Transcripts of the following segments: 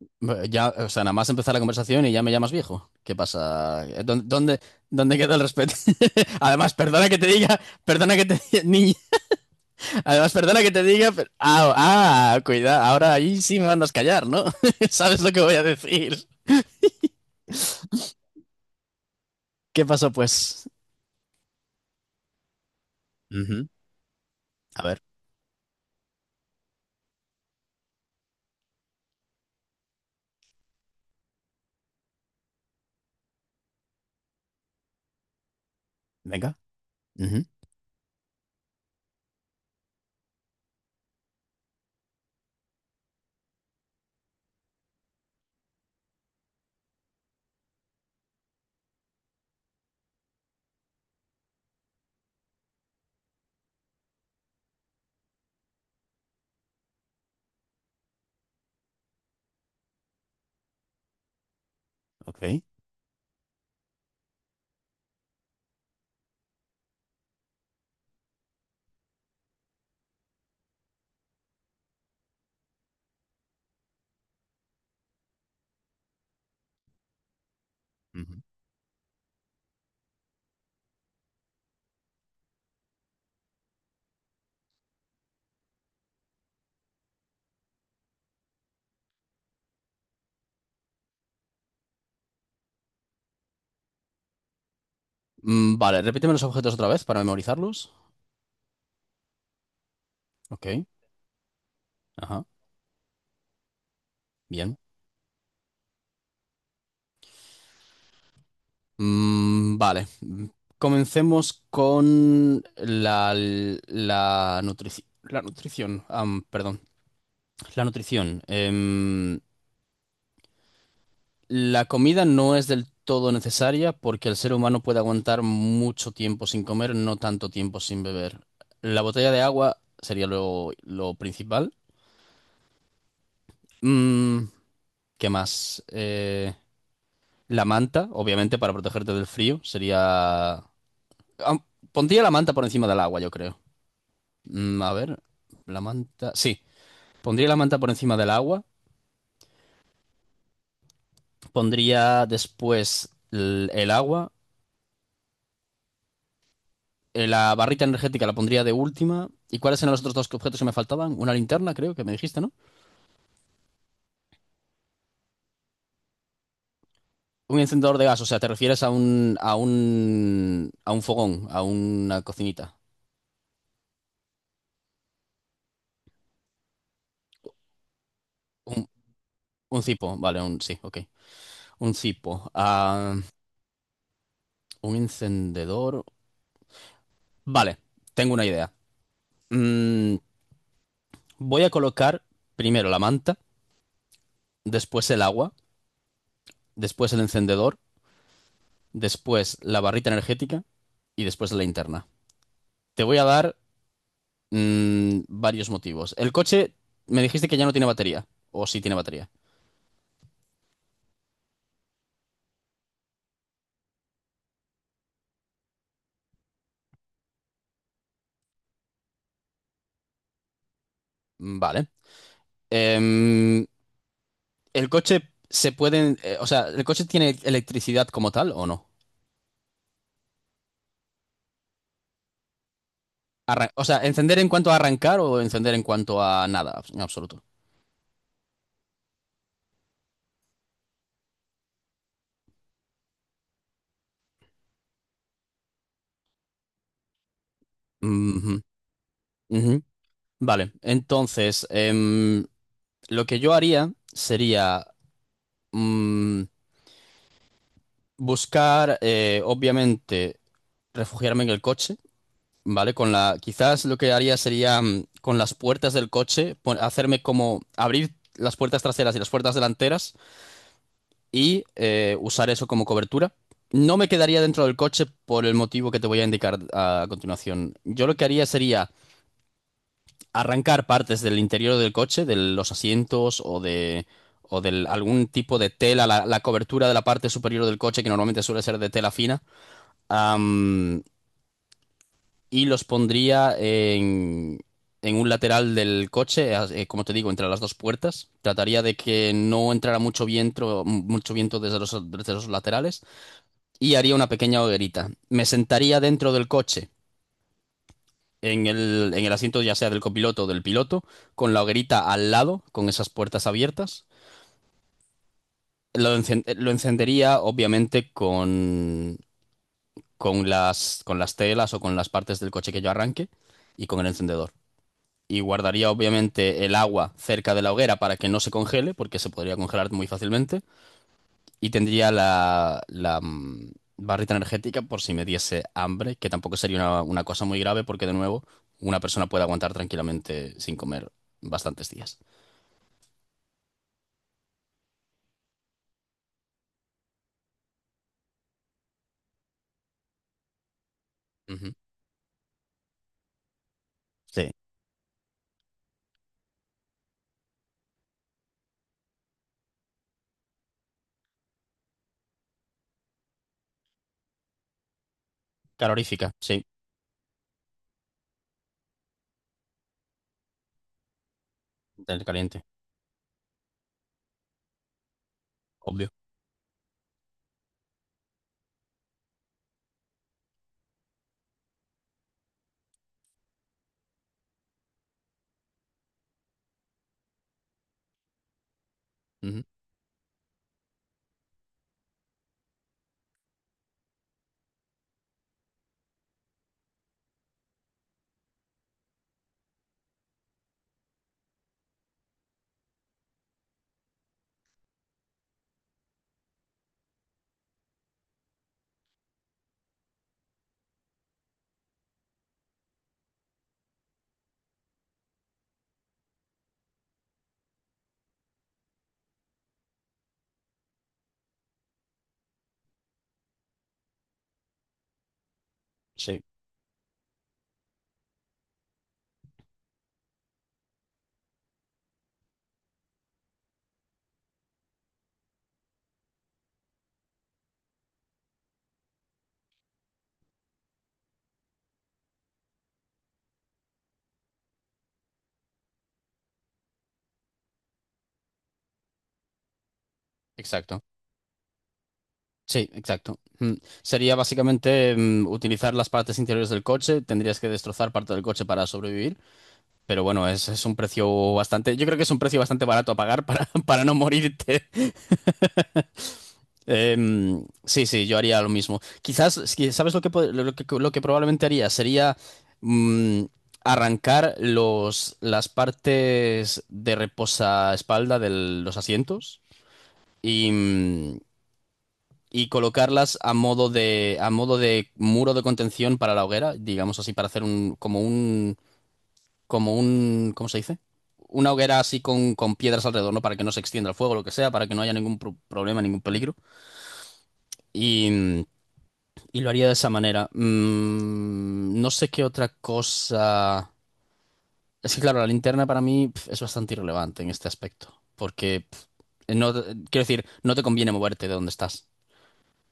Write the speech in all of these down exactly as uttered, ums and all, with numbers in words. Eh, Ya, o sea, nada más empezar la conversación y ya me llamas viejo. ¿Qué pasa? Eh, ¿Dó- ¿Dónde, dónde queda el respeto? Además, perdona que te diga, perdona que te diga, niña, además, perdona que te diga, pero- ah, ah, cuidado, ahora ahí sí me mandas callar, ¿no? ¿Sabes lo que voy a decir? ¿Qué pasó, pues? Ujú. A ver, venga. Ujú. Ok. Ujú. Mm, vale, repíteme los objetos otra vez para memorizarlos. Ok. Ajá, bien. Mm, vale. Comencemos con la, la nutrici- la nutrición. Am, perdón. La nutrición. Em, la comida no es del todo necesaria porque el ser humano puede aguantar mucho tiempo sin comer, no tanto tiempo sin beber. La botella de agua sería lo, lo principal. Mm, ¿qué más? Eh, la manta, obviamente, para protegerte del frío, sería. am, Pondría la manta por encima del agua, yo creo. Mm, a ver, la manta. Sí, pondría la manta por encima del agua. Pondría después el, el agua. Eh, La barrita energética la pondría de última. ¿Y cuáles eran los otros dos objetos que me faltaban? Una linterna, creo que me dijiste, ¿no? Un encendedor de gas, o sea, te refieres a un, a un, a un fogón, a una cocinita. Un, un cipo, vale, un, sí, ok. Un cipo. Ah, un encendedor. Vale, tengo una idea. Mm, voy a colocar primero la manta, después el agua, después el encendedor, después la barrita energética y después la linterna. Te voy a dar mm, varios motivos. El coche, me dijiste que ya no tiene batería, o sí tiene batería. Mm, vale. Em, el coche se puede, eh, o sea, ¿el coche tiene electricidad como tal o no? Arran- o sea, ¿encender en cuanto a arrancar o encender en cuanto a nada? En absoluto. Ujú, ujú. Vale, entonces, em, lo que yo haría sería. mm, Buscar, eh, obviamente, refugiarme en el coche, ¿vale? Con la, quizás lo que haría sería, mm, con las puertas del coche, pon- hacerme como abrir las puertas traseras y las puertas delanteras y eh, usar eso como cobertura. No me quedaría dentro del coche por el motivo que te voy a indicar a continuación. Yo lo que haría sería arrancar partes del interior del coche, de los asientos o de o de algún tipo de tela, la la cobertura de la parte superior del coche, que normalmente suele ser de tela fina, y los pondría en, en un lateral del coche, eh, eh, como te digo, entre las dos puertas. Trataría de que no entrara mucho viento, mucho viento desde los, desde los laterales, y haría una pequeña hoguerita. Me sentaría dentro del coche, en el, en el asiento, ya sea del copiloto o del piloto, con la hoguerita al lado, con esas puertas abiertas. Lo, encen- eh, lo encendería obviamente con, con las, con las telas o con las partes del coche que yo arranque, y con el encendedor. Y guardaría obviamente el agua cerca de la hoguera para que no se congele, porque se podría congelar muy fácilmente, y tendría la, la, mm, barrita energética por si me diese hambre, que tampoco sería una, una cosa muy grave, porque de nuevo, una persona puede aguantar tranquilamente sin comer bastantes días. Ujú. Sí. Calorífica, sí, del caliente, obvio. Ujú. Sí, exacto. Sí, exacto. Mm. Sería básicamente, mm, utilizar las partes interiores del coche. Tendrías que destrozar parte del coche para sobrevivir. Pero bueno, es, es un precio bastante. Yo creo que es un precio bastante barato a pagar para, para no morirte. Em, sí, sí, yo haría lo mismo. Quizás, es que, ¿sabes lo que, pod- lo que, lo que probablemente haría? Sería, mm, arrancar los, las partes de reposaespalda de los asientos y, mm, y colocarlas a modo de, a modo de muro de contención para la hoguera, digamos así, para hacer un, como un como un, ¿cómo se dice? Una hoguera así con, con piedras alrededor, ¿no? Para que no se extienda el fuego, lo que sea, para que no haya ningún pro- problema, ningún peligro. Y, y lo haría de esa manera. Mm, no sé qué otra cosa. Es que, claro, la linterna para mí, pf, es bastante irrelevante en este aspecto. Porque, pf, no, quiero decir, no te conviene moverte de donde estás.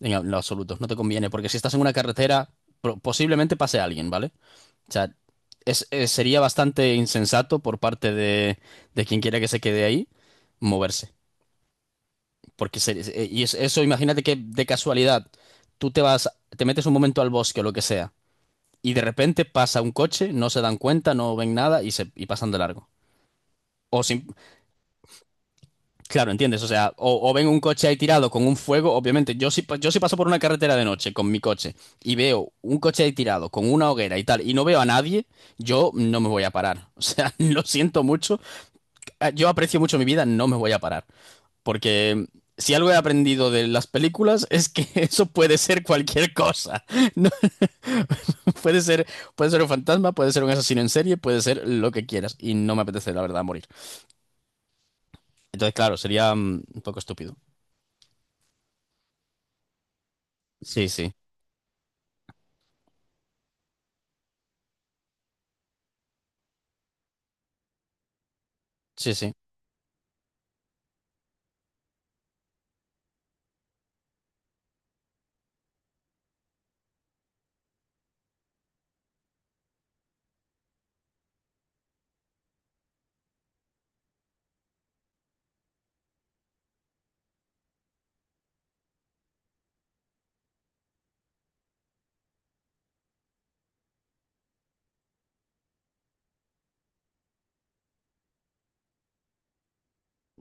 En lo absoluto. No te conviene. Porque si estás en una carretera, pro- posiblemente pase alguien, ¿vale? O sea, es- eh, sería bastante insensato por parte de, de quien quiera que se quede ahí moverse. Porque se- eh, y es- eso, imagínate que de casualidad tú te vas, te metes un momento al bosque o lo que sea, y de repente pasa un coche, no se dan cuenta, no ven nada y, se, y pasan de largo. O sin, claro, ¿entiendes? O sea, o, o ven un coche ahí tirado con un fuego. Obviamente, yo si, pa- yo si paso por una carretera de noche con mi coche y veo un coche ahí tirado con una hoguera y tal, y no veo a nadie, yo no me voy a parar. O sea, lo siento mucho. ah, yo aprecio mucho mi vida, no me voy a parar. Porque si algo he aprendido de las películas es que eso puede ser cualquier cosa. No, puede ser, puede ser un fantasma, puede ser un asesino en serie, puede ser lo que quieras. Y no me apetece, la verdad, morir. Entonces, claro, sería, mm, un poco estúpido. Sí, sí, sí, sí,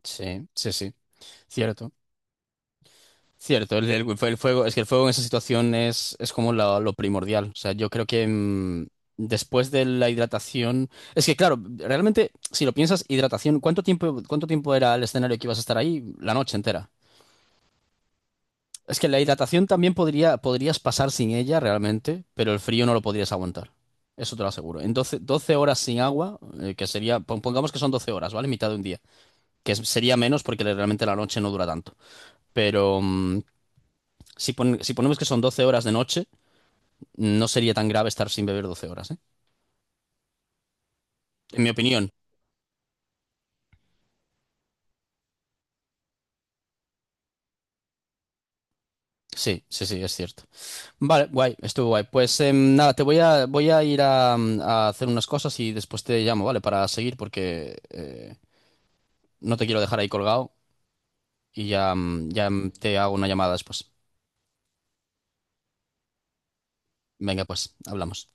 sí, sí, sí. Cierto. Cierto, el, el- el fuego. Es que el fuego en esa situación es, es como la- lo primordial. O sea, yo creo que, mm, después de la hidratación. Es que, claro, realmente, si lo piensas, hidratación, ¿cuánto tiempo, cuánto tiempo era el escenario que ibas a estar ahí? La noche entera. Es que la hidratación también podría, podrías pasar sin ella realmente, pero el frío no lo podrías aguantar. Eso te lo aseguro. En doce 12 horas sin agua, eh, que sería, pon- pongamos que son doce horas, ¿vale? Mitad de un día. Que es- sería menos porque realmente la noche no dura tanto. Pero mm, si, pon- si ponemos que son doce horas de noche, no sería tan grave estar sin beber doce horas, ¿eh? En mi opinión. Sí, sí, sí, es cierto. Vale, guay, estuvo guay. Pues em, nada, te voy a, voy a ir a, mm, a hacer unas cosas y después te llamo, ¿vale? Para seguir, porque eh, no te quiero dejar ahí colgado, y ya, mm, ya mm, te hago una llamada después. Venga, pues, hablamos.